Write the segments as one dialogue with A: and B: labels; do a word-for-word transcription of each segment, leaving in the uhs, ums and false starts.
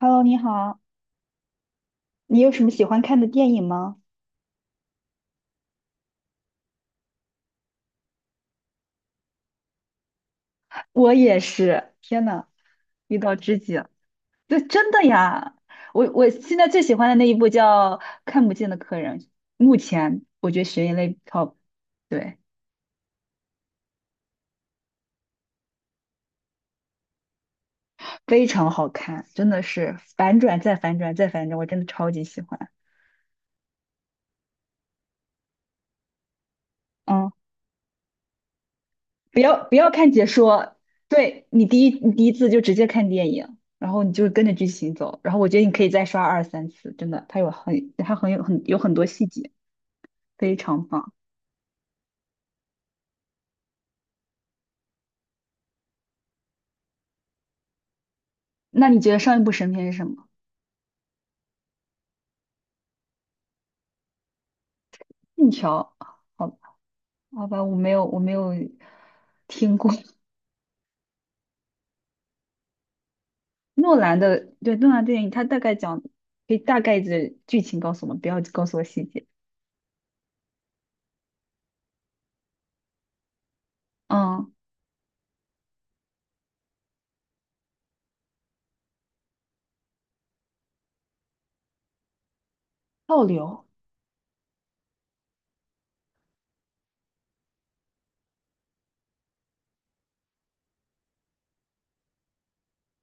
A: Hello，你好，你有什么喜欢看的电影吗？我也是，天呐，遇到知己了，对，真的呀，我我现在最喜欢的那一部叫《看不见的客人》，目前我觉得悬疑类 top，对，非常好看，真的是反转再反转再反转，我真的超级喜欢。嗯，不要不要看解说，对你第一你第一次就直接看电影，然后你就跟着剧情走，然后我觉得你可以再刷二三次，真的，它有很它很有很有很多细节。非常棒。那你觉得上一部神片是什么？信条？好，好吧，我没有，我没有听过 诺兰的，对，诺兰电影，他大概讲，可以大概的剧情告诉我们，不要告诉我细节。嗯倒流，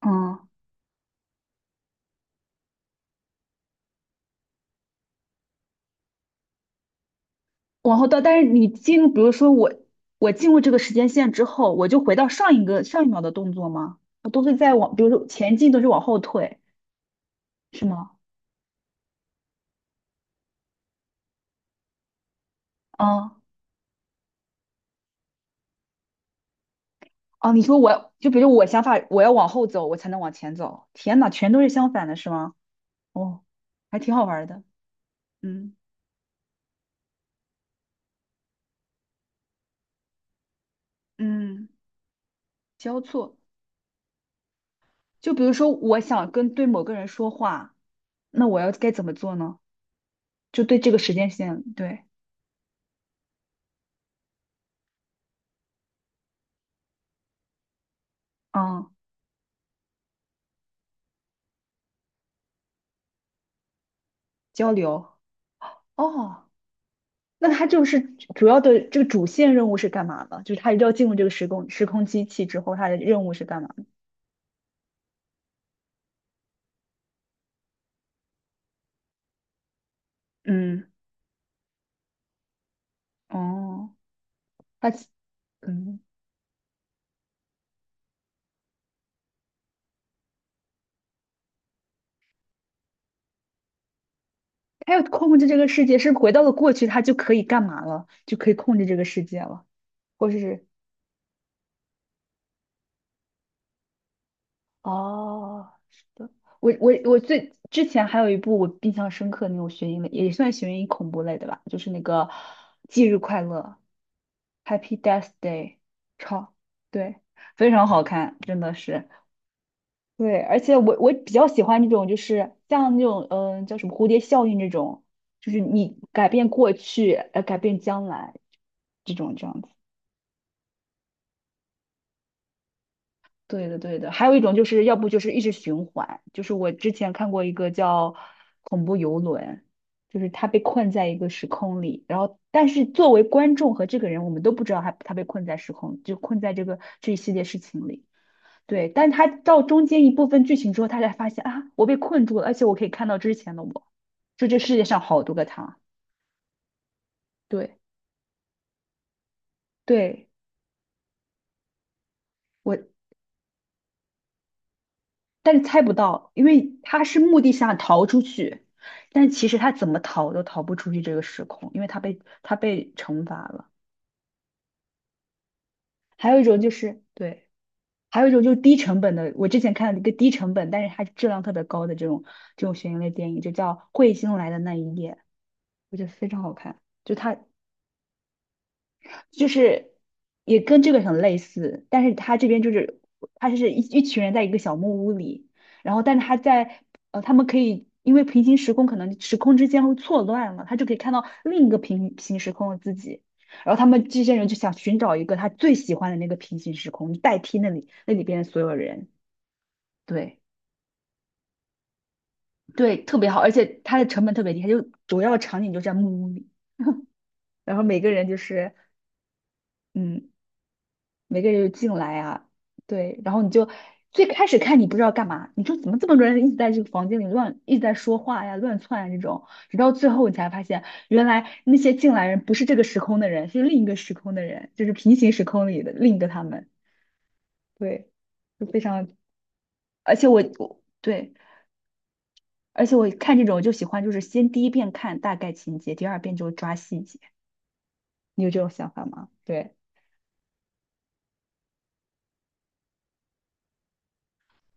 A: 嗯，往后倒。但是你进入，比如说我，我进入这个时间线之后，我就回到上一个上一秒的动作吗？我都是在往，比如说前进都是往后退，是吗？嗯哦，你说我就比如我想法，我要往后走，我才能往前走。天呐，全都是相反的，是吗？哦，还挺好玩儿的。嗯嗯，交错。就比如说，我想跟对某个人说话，那我要该怎么做呢？就对这个时间线，对，嗯，交流。哦，那他就是主要的这个主线任务是干嘛的？就是他一定要进入这个时空时空机器之后，他的任务是干嘛的嗯，哦，他，嗯。他要控制这个世界，是不是回到了过去，他就可以干嘛了？就可以控制这个世界了，或是哦，是的。我我我最之前还有一部我印象深刻的那种悬疑类，也算悬疑恐怖类的吧，就是那个《忌日快乐》（Happy Death Day），超对，非常好看，真的是对。而且我我比较喜欢那种，就是像那种嗯、呃叫什么蝴蝶效应这种，就是你改变过去，呃，改变将来这种这样子。对的，对的，还有一种就是要不就是一直循环，就是我之前看过一个叫《恐怖游轮》，就是他被困在一个时空里，然后但是作为观众和这个人，我们都不知道他他被困在时空，就困在这个这一系列事情里。对，但他到中间一部分剧情之后，他才发现啊，我被困住了，而且我可以看到之前的我，就这世界上好多个他。对，对，我但是猜不到，因为他是目的下逃出去，但其实他怎么逃都逃不出去这个时空，因为他被他被惩罚了。还有一种就是对，还有一种就是低成本的，我之前看了一个低成本，但是它质量特别高的这种这种悬疑类电影，就叫《彗星来的那一夜》，我觉得非常好看。就它就是也跟这个很类似，但是他这边就是他是一一群人在一个小木屋里，然后但是他在呃他们可以因为平行时空可能时空之间会错乱了，他就可以看到另一个平行时空的自己，然后他们这些人就想寻找一个他最喜欢的那个平行时空，代替那里那里边的所有人，对。对，特别好，而且它的成本特别低，它就主要场景就在木屋里，然后每个人就是，嗯，每个人就进来啊，对，然后你就最开始看你不知道干嘛，你说怎么这么多人一直在这个房间里乱，一直在说话呀、乱窜啊这种，直到最后你才发现，原来那些进来人不是这个时空的人，是另一个时空的人，就是平行时空里的另一个他们，对，就非常，而且我我对，而且我看这种就喜欢，就是先第一遍看大概情节，第二遍就抓细节，你有这种想法吗？对。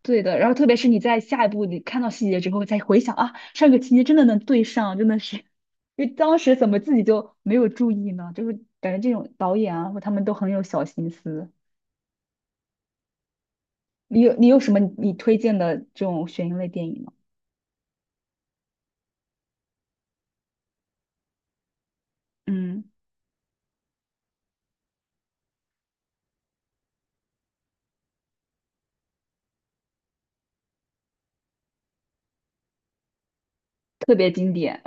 A: 对的，然后特别是你在下一步你看到细节之后再回想啊，上个情节真的能对上，真的是，因为当时怎么自己就没有注意呢？就是感觉这种导演啊，或他们都很有小心思。你有你有什么你推荐的这种悬疑类电影吗？嗯，特别经典，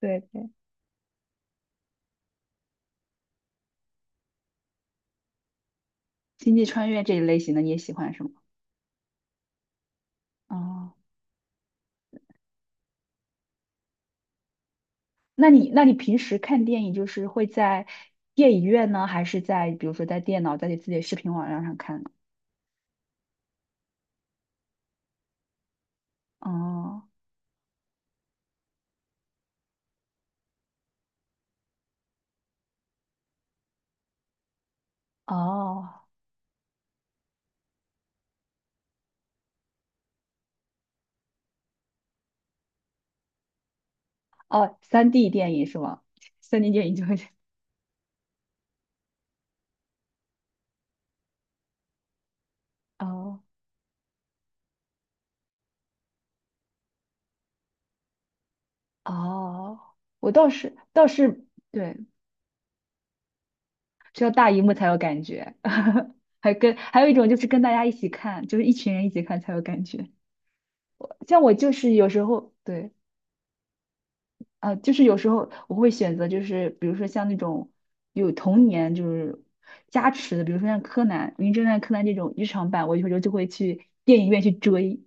A: 对对，星际穿越这一类型的你也喜欢是吗？哦，那你那你平时看电影就是会在电影院呢，还是在比如说在电脑在你自己的视频网站上看呢？哦。哦，哦三 d 电影是吗 三 d 电影就是哦哦，我倒是倒是对，只有大荧幕才有感觉，还跟还有一种就是跟大家一起看，就是一群人一起看才有感觉。像我就是有时候对啊、就是有时候我会选择就是比如说像那种有童年就是加持的，比如说像柯南、名侦探柯南这种日常版，我有时候就会去电影院去追，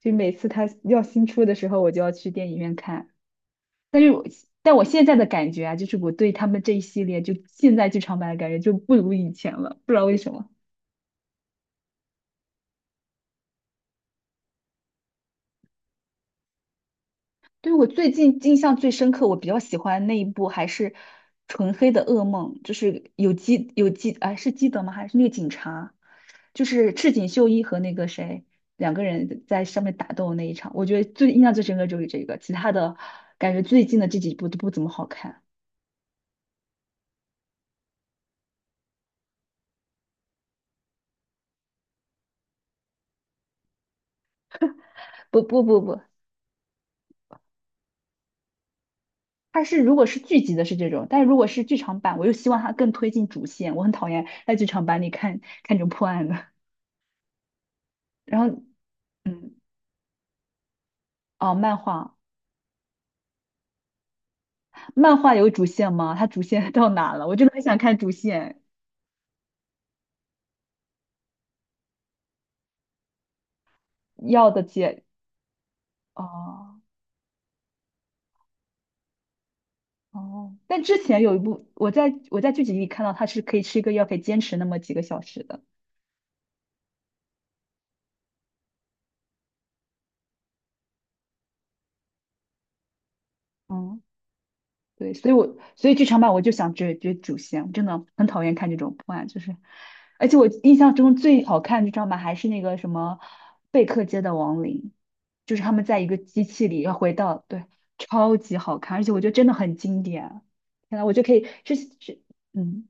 A: 就每次它要新出的时候，我就要去电影院看。但是我但我现在的感觉啊，就是我对他们这一系列就现在剧场版的感觉就不如以前了，不知道为什么。对我最近印象最深刻，我比较喜欢那一部还是《纯黑的噩梦》，就是有基有基啊，是基德吗？还是那个警察？就是赤井秀一和那个谁两个人在上面打斗那一场，我觉得最印象最深刻就是这个，其他的感觉最近的这几部都不怎么好看。不不不不，它是如果是剧集的是这种，但是如果是剧场版，我又希望它更推进主线。我很讨厌在剧场版里看看这种破案的。然后，嗯，哦，漫画，漫画有主线吗？它主线 到哪了？我真的很想看主线要的解。哦哦，但之前有一部，我在我在剧集里看到它是可以吃一个药，可以坚持那么几个小时的。嗯。对，所以我所以剧场版我就想追追主线，我真的很讨厌看这种破案，就是，而且我印象中最好看的剧场版还是那个什么贝克街的亡灵，就是他们在一个机器里要回到，对，超级好看，而且我觉得真的很经典。天呐，我就可以这这嗯，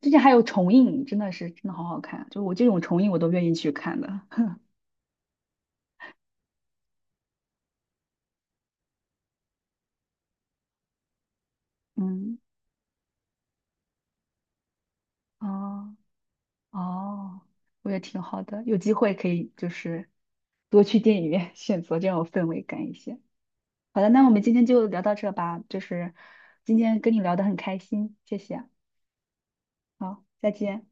A: 最近还有重映，真的是真的好好看，就我这种重映我都愿意去看的。嗯，哦。哦，我也挺好的，有机会可以就是多去电影院 选择，这种氛围感一些。好的，那我们今天就聊到这吧，就是今天跟你聊得很开心，谢谢，好，再见。